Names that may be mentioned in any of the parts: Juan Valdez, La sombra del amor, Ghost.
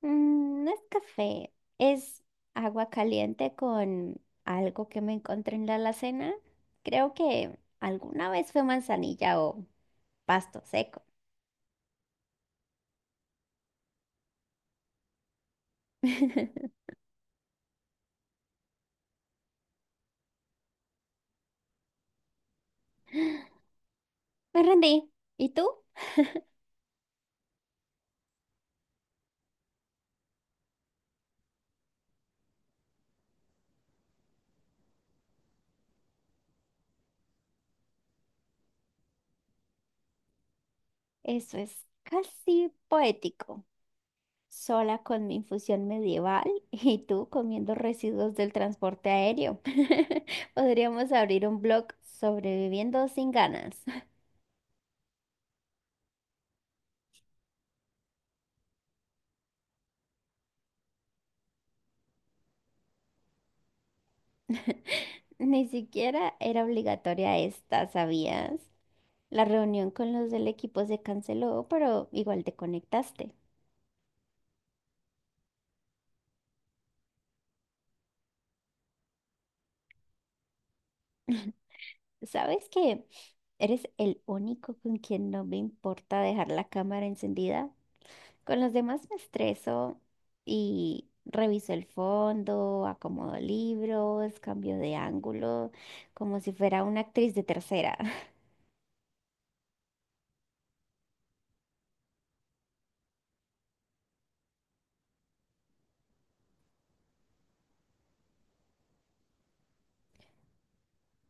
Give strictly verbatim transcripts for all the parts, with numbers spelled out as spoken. Mm, no es café, es agua caliente con algo que me encontré en la alacena. Creo que alguna vez fue manzanilla o pasto seco. Me rendí. ¿Y tú? Eso es casi poético. Sola con mi infusión medieval y tú comiendo residuos del transporte aéreo. Podríamos abrir un blog sobreviviendo sin ganas. Ni siquiera era obligatoria esta, ¿sabías? La reunión con los del equipo se canceló, pero igual te conectaste. ¿Sabes que eres el único con quien no me importa dejar la cámara encendida? Con los demás me estreso y reviso el fondo, acomodo libros, cambio de ángulo, como si fuera una actriz de tercera.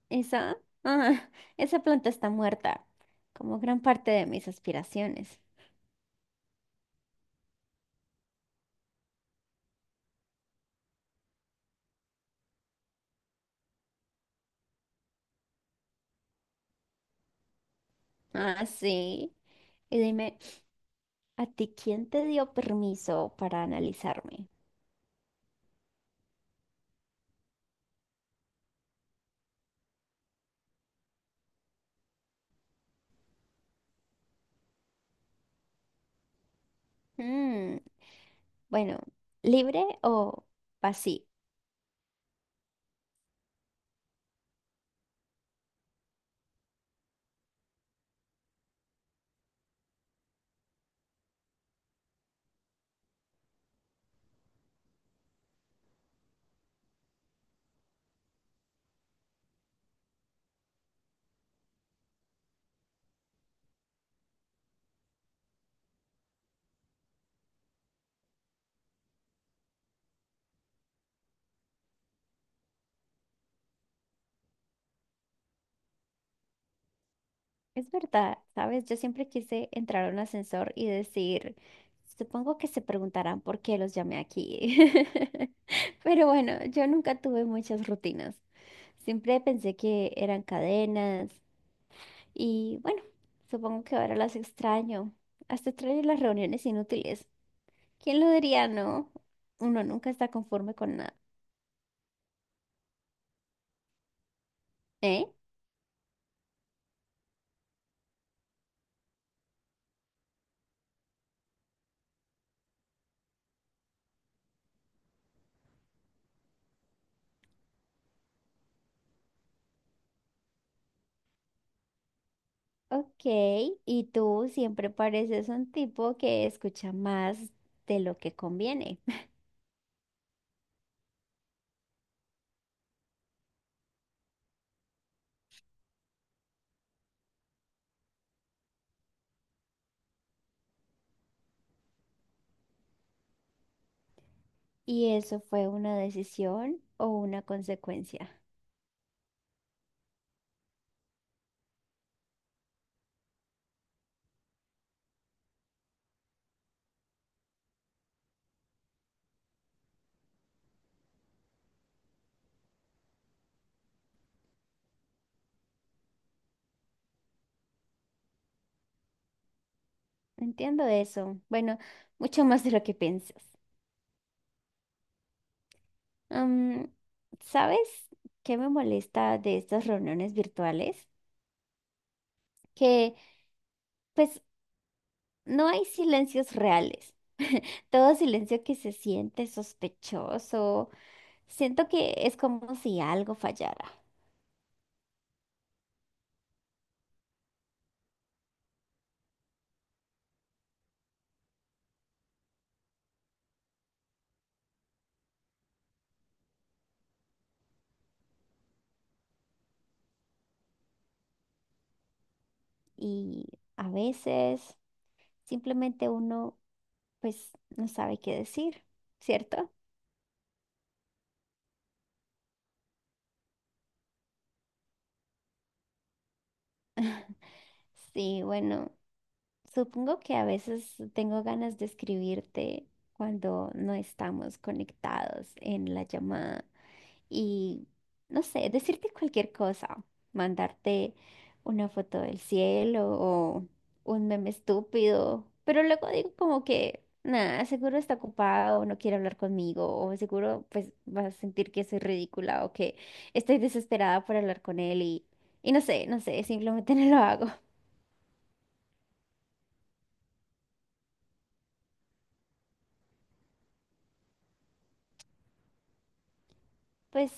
Esa, ah, esa planta está muerta, como gran parte de mis aspiraciones. Ah, sí. Y dime. ¿A ti quién te dio permiso para analizarme? Mm, bueno, libre o vacío. Es verdad, ¿sabes? Yo siempre quise entrar a un ascensor y decir, supongo que se preguntarán por qué los llamé aquí. Pero bueno, yo nunca tuve muchas rutinas. Siempre pensé que eran cadenas y bueno, supongo que ahora las extraño. Hasta extraño las reuniones inútiles. ¿Quién lo diría, no? Uno nunca está conforme con nada. ¿Eh? Ok, y tú siempre pareces un tipo que escucha más de lo que conviene. ¿Y eso fue una decisión o una consecuencia? Entiendo eso. Bueno, mucho más de lo que piensas. Am, ¿sabes qué me molesta de estas reuniones virtuales? Que pues no hay silencios reales. Todo silencio que se siente sospechoso. Siento que es como si algo fallara. Y a veces simplemente uno pues no sabe qué decir, ¿cierto? Sí, bueno, supongo que a veces tengo ganas de escribirte cuando no estamos conectados en la llamada. Y, no sé, decirte cualquier cosa, mandarte una foto del cielo o un meme estúpido, pero luego digo como que, nada, seguro está ocupado o no quiere hablar conmigo o seguro pues vas a sentir que soy ridícula o que estoy desesperada por hablar con él y, y no sé, no sé, simplemente no lo hago. Pues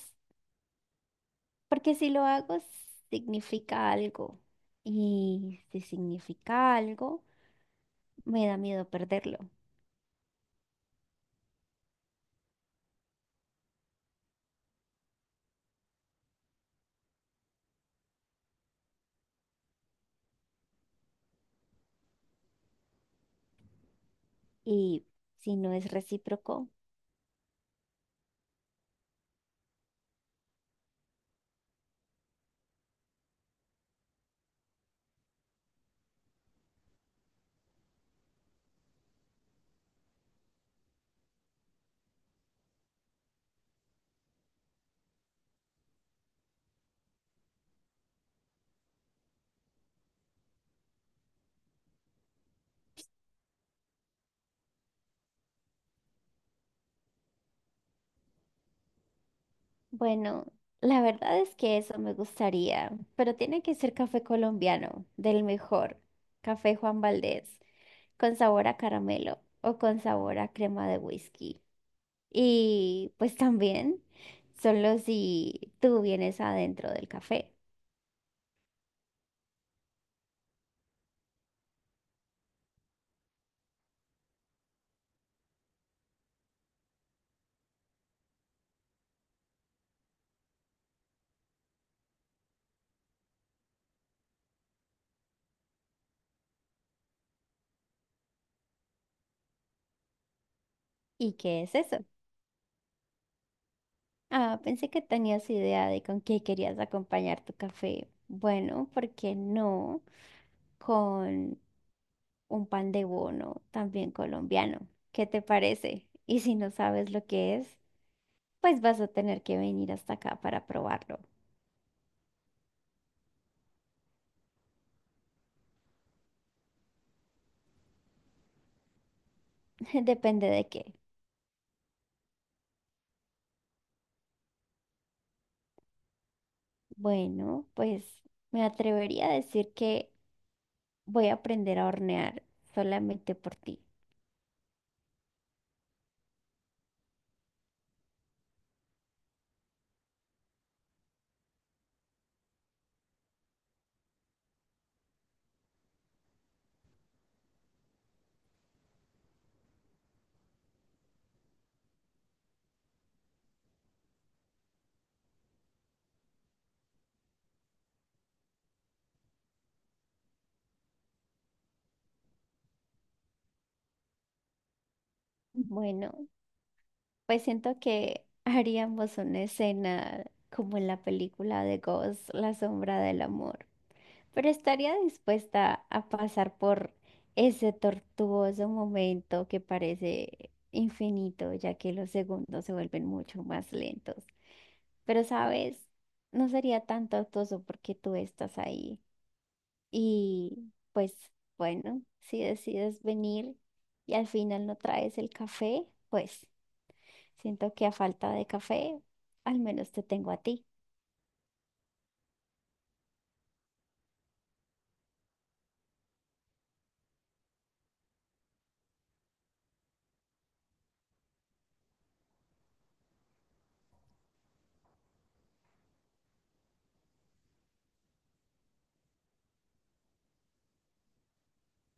porque si lo hago significa algo y si significa algo, me da miedo perderlo. Y si no es recíproco, bueno, la verdad es que eso me gustaría, pero tiene que ser café colombiano, del mejor, café Juan Valdez, con sabor a caramelo o con sabor a crema de whisky. Y pues también, solo si tú vienes adentro del café. ¿Y qué es eso? Ah, pensé que tenías idea de con qué querías acompañar tu café. Bueno, ¿por qué no? Con un pan de bono también colombiano. ¿Qué te parece? Y si no sabes lo que es, pues vas a tener que venir hasta acá para probarlo. Depende de qué. Bueno, pues me atrevería a decir que voy a aprender a hornear solamente por ti. Bueno, pues siento que haríamos una escena como en la película de Ghost, La sombra del amor. Pero estaría dispuesta a pasar por ese tortuoso momento que parece infinito, ya que los segundos se vuelven mucho más lentos. Pero, ¿sabes? No sería tan tortuoso porque tú estás ahí. Y pues bueno, si decides venir y al final no traes el café, pues siento que a falta de café, al menos te tengo a ti.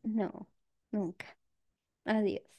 No, nunca. Adiós.